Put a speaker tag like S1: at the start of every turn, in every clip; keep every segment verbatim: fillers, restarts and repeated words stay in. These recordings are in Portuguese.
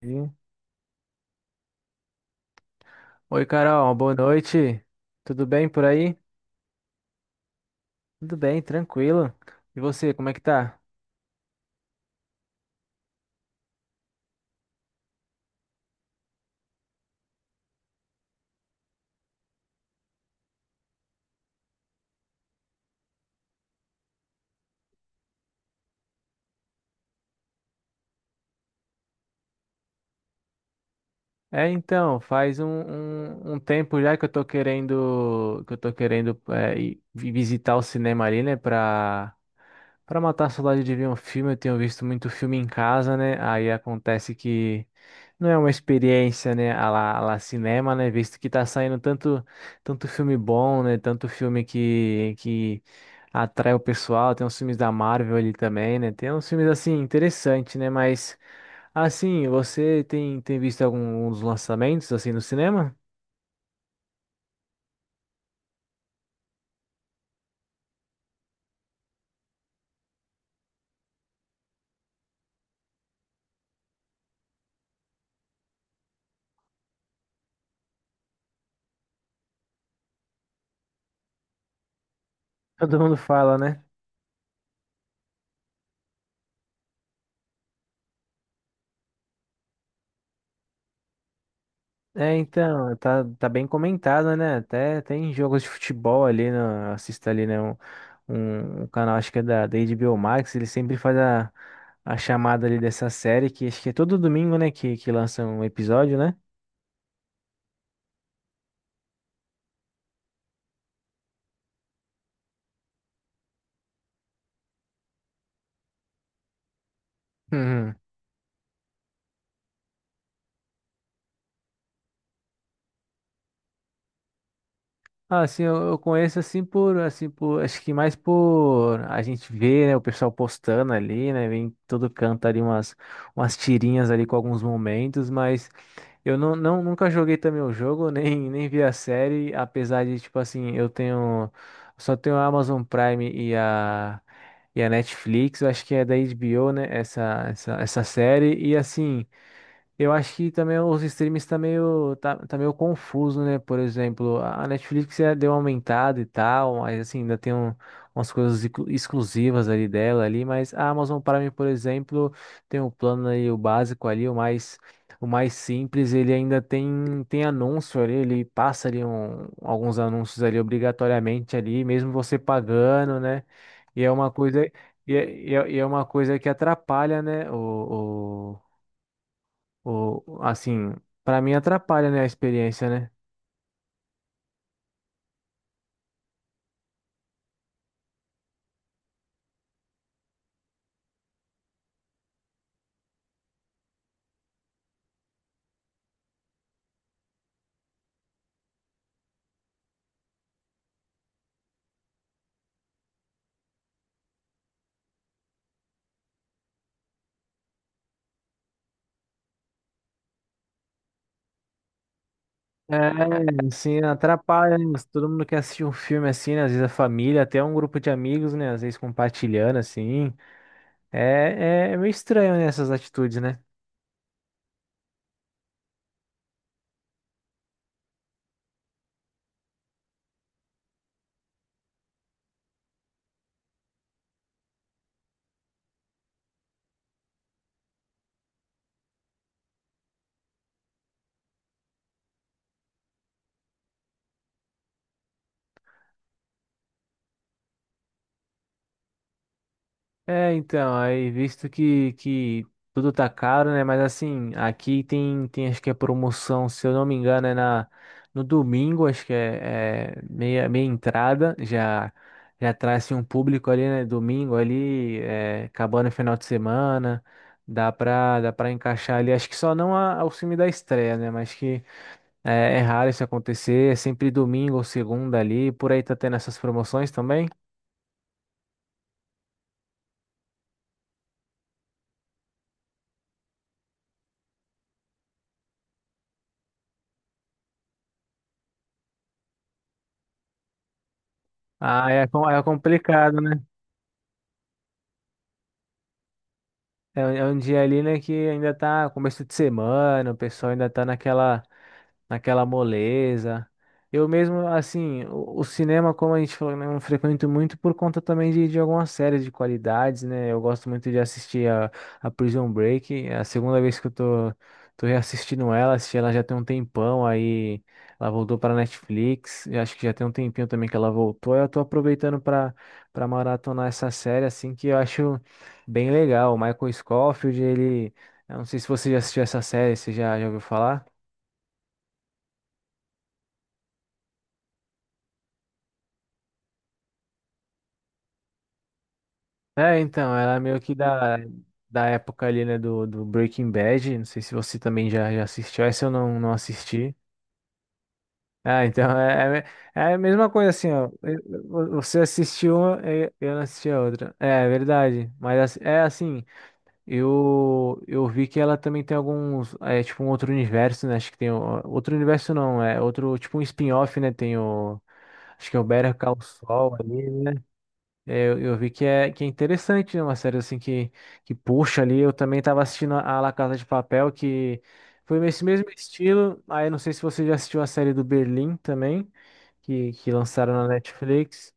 S1: Sim. Oi, Carol, boa noite. Tudo bem por aí? Tudo bem, tranquilo. E você, como é que tá? É, então, faz um, um, um tempo já que eu tô querendo, que eu tô querendo é, ir vi- visitar o cinema ali, né, pra, pra matar a saudade de ver um filme. Eu tenho visto muito filme em casa, né, aí acontece que não é uma experiência, né, a lá, a lá cinema, né, visto que tá saindo tanto, tanto filme bom, né, tanto filme que, que atrai o pessoal. Tem uns filmes da Marvel ali também, né, tem uns filmes, assim, interessantes, né, mas... Assim, você tem, tem visto algum um dos lançamentos assim no cinema? Todo mundo fala, né? É, então, tá, tá bem comentado, né? Até tem jogos de futebol ali, né? Assista ali, né? Um, um um canal, acho que é da, da H B O Max, ele sempre faz a, a chamada ali dessa série, que acho que é todo domingo, né? Que, que lança um episódio, né? Ah, assim, eu, eu conheço assim por, assim por, acho que mais por a gente ver, né, o pessoal postando ali, né, vem em todo canto ali umas, umas tirinhas ali com alguns momentos, mas eu não, não nunca joguei também o jogo, nem, nem vi a série, apesar de, tipo assim, eu tenho, só tenho a Amazon Prime e a, e a Netflix, eu acho que é da H B O, né, essa, essa, essa série, e assim... Eu acho que também os streams tá meio, tá, tá meio confuso, né? Por exemplo, a Netflix já deu uma aumentada e tal, mas assim, ainda tem um- umas coisas exclu- exclusivas ali dela ali, mas a Amazon Prime, por exemplo, tem o plano aí, o básico ali, o mais, o mais simples, ele ainda tem, tem anúncio ali, ele passa ali um, alguns anúncios ali obrigatoriamente ali, mesmo você pagando, né? E é uma coisa, e é, e é e é uma coisa que atrapalha, né? o... o- ou assim, pra mim atrapalha, né, a experiência, né? É, assim, atrapalha, né? Todo mundo quer assistir um filme assim, né? Às vezes a família, até um grupo de amigos, né? Às vezes compartilhando, assim. É, é, é meio estranho, né, essas atitudes, né? É, então, aí visto que, que tudo tá caro, né? Mas assim, aqui tem, tem acho que é promoção, se eu não me engano, é na, no domingo, acho que é, é meia, meia entrada, já, já traz assim, um público ali, né? Domingo ali, é, acabando o final de semana, dá pra, dá pra encaixar ali, acho que só não a, ao filme da estreia, né? Mas que é, é raro isso acontecer, é sempre domingo ou segunda ali, por aí tá tendo essas promoções também. Ah, é, com- é complicado, né? É, um é um dia ali, né, que ainda tá começo de semana, o pessoal ainda tá naquela, naquela moleza. Eu mesmo, assim, o, o cinema, como a gente falou, né, eu frequento muito por conta também de, de algumas séries de qualidades, né? Eu gosto muito de assistir a, a Prison Break. É a segunda vez que eu tô, tô reassistindo ela, assisti ela já tem um tempão, aí ela voltou para Netflix. Eu acho que já tem um tempinho também que ela voltou. Eu tô aproveitando para para maratonar essa série, assim, que eu acho bem legal. O Michael Scofield, ele. Eu não sei se você já assistiu essa série, você já, já ouviu falar? É, então, era meio que da, da época ali, né, do, do Breaking Bad. Não sei se você também já, já assistiu, essa eu não, não assisti. Ah, então é, é, é a mesma coisa assim, ó. Eu- Você assistiu uma, eu eu não assisti a outra. É, é verdade. Mas assim, é assim, eu, eu vi que ela também tem alguns. É tipo um outro universo, né? Acho que tem. o- Outro universo não, é outro, tipo um spin-off, né? Tem o. Acho que é o Better Call Saul ali. É, eu, eu vi que é, que é interessante, né? Uma série assim que, que puxa ali. Eu também estava assistindo a La Casa de Papel, que foi esse mesmo estilo. Aí não sei se você já assistiu a série do Berlim também, que, que lançaram na Netflix.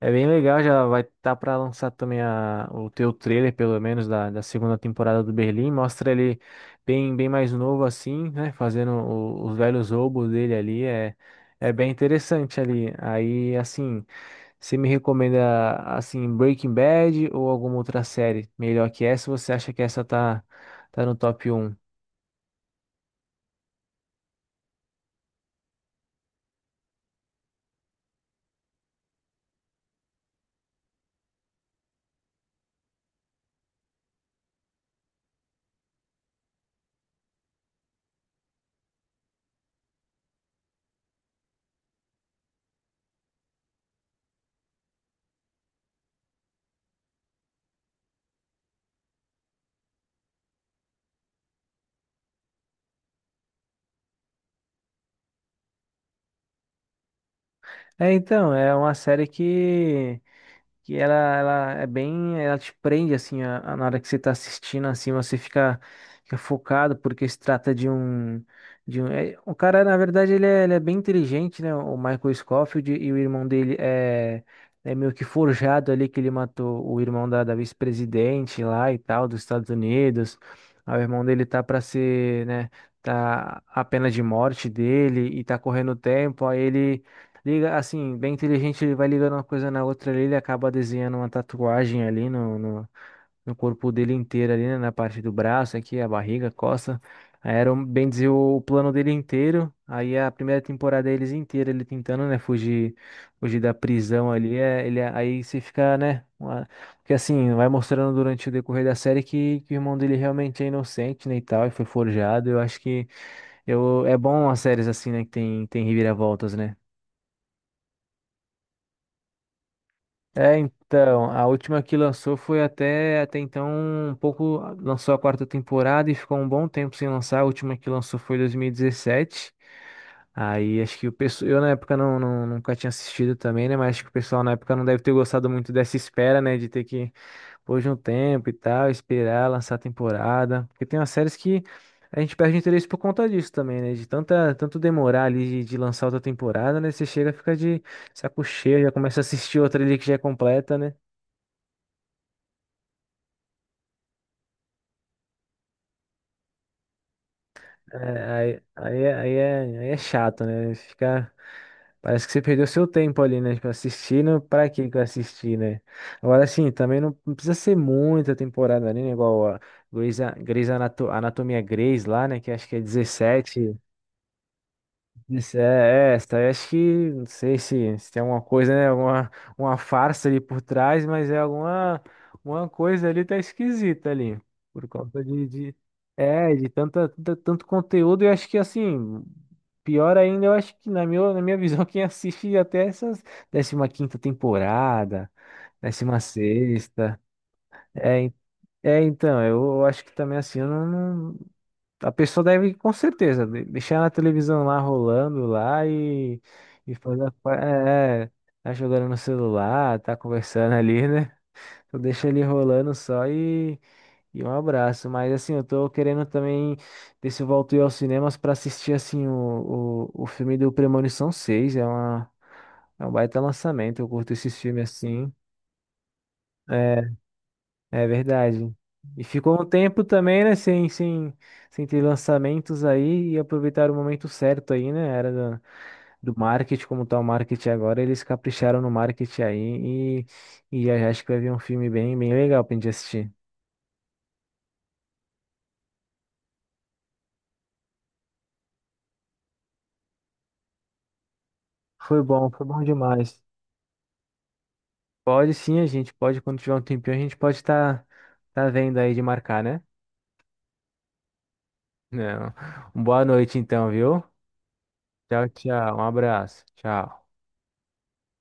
S1: É bem legal, já vai estar para lançar também a, o teu trailer, pelo menos, da, da segunda temporada do Berlim. Mostra ele bem, bem mais novo assim, né? Fazendo o- os velhos roubos dele ali. É, é bem interessante ali. Aí, assim. Você me recomenda, assim, Breaking Bad ou alguma outra série melhor que essa? Você acha que essa tá, tá no top um? É, então, é uma série que que ela, ela é bem, ela te prende assim a, a- na hora que você tá assistindo assim, você fica, fica focado porque se trata de um de um, é- o cara na verdade ele é, ele é bem inteligente, né? O Michael Scofield e o irmão dele é é meio que forjado ali que ele matou o irmão da, da vice-presidente lá e tal dos Estados Unidos. Aí o irmão dele tá para ser, né, tá a pena de morte dele e tá correndo o tempo, aí ele liga, assim, bem inteligente, ele vai ligando uma coisa na outra ali, ele acaba desenhando uma tatuagem ali no, no, no corpo dele inteiro ali, né, na parte do braço aqui, a barriga, a costa. Aí era, um- bem dizer, o o plano dele inteiro. Aí a primeira temporada é eles inteira, ele tentando, né, fugir, fugir da prisão ali, é, ele, aí você fica, né, uma- porque assim, vai mostrando durante o decorrer da série que, que o irmão dele realmente é inocente, né, e tal, e foi forjado. Eu acho que eu, é bom as séries assim, né, que tem, tem reviravoltas, né? É, então, a última que lançou foi até, até então um pouco, lançou a quarta temporada e ficou um bom tempo sem lançar. A última que lançou foi dois mil e dezessete. Aí acho que o pessoal, eu na época não, não- nunca tinha assistido também, né? Mas acho que o pessoal na época não deve ter gostado muito dessa espera, né? De ter que pôr de um tempo e tal, esperar lançar a temporada. Porque tem umas séries que a gente perde interesse por conta disso também, né? De tanta, tanto demorar ali de, de lançar outra temporada, né? Você chega, fica de saco cheio, já começa a assistir outra ali que já é completa, né? É, aí, aí, é- aí, é, aí é chato, né? Fica, parece que você perdeu seu tempo ali, né? Tipo, assistindo, pra que que eu assisti, né? Agora, assim, também não, não precisa ser muita temporada ali, né? Igual a Grey's, Grey's Anato- Anatomia Grey's lá, né? Que acho que é dezessete isso é, é essa. Eu acho que não sei se, se tem alguma coisa, né? Alguma uma farsa ali por trás, mas é alguma uma coisa ali tá esquisita ali. Por conta de, de é, de tanta, tanta- tanto conteúdo, eu acho que assim, pior ainda, eu acho que na minha, na minha visão, quem assiste até essas décima quinta temporada, décima sexta. É, en- é, então, eu acho que também assim, eu não. A pessoa deve, com certeza, de- deixar na televisão lá rolando lá e, e fazer, a pa- é, é, tá jogando no celular, tá conversando ali, né? Então deixa ele rolando só e, e um abraço. Mas assim, eu tô querendo também ver se eu volto eu aos cinemas pra assistir assim o, o, o filme do Premonição seis. É uma, é um baita lançamento, eu curto esses filmes assim. É, é verdade. E ficou um tempo também, né, sem, sem, sem ter lançamentos aí e aproveitaram o momento certo aí, né? Era da- do, marketing, como tá o marketing agora, eles capricharam no marketing aí e, e eu acho que vai vir um filme bem, bem legal pra gente assistir. Foi bom, foi bom demais. Pode sim, a gente pode, quando tiver um tempinho, a gente pode estar tá, tá vendo aí de marcar, né? Não. Boa noite então, viu? Tchau, tchau. Um abraço. Tchau.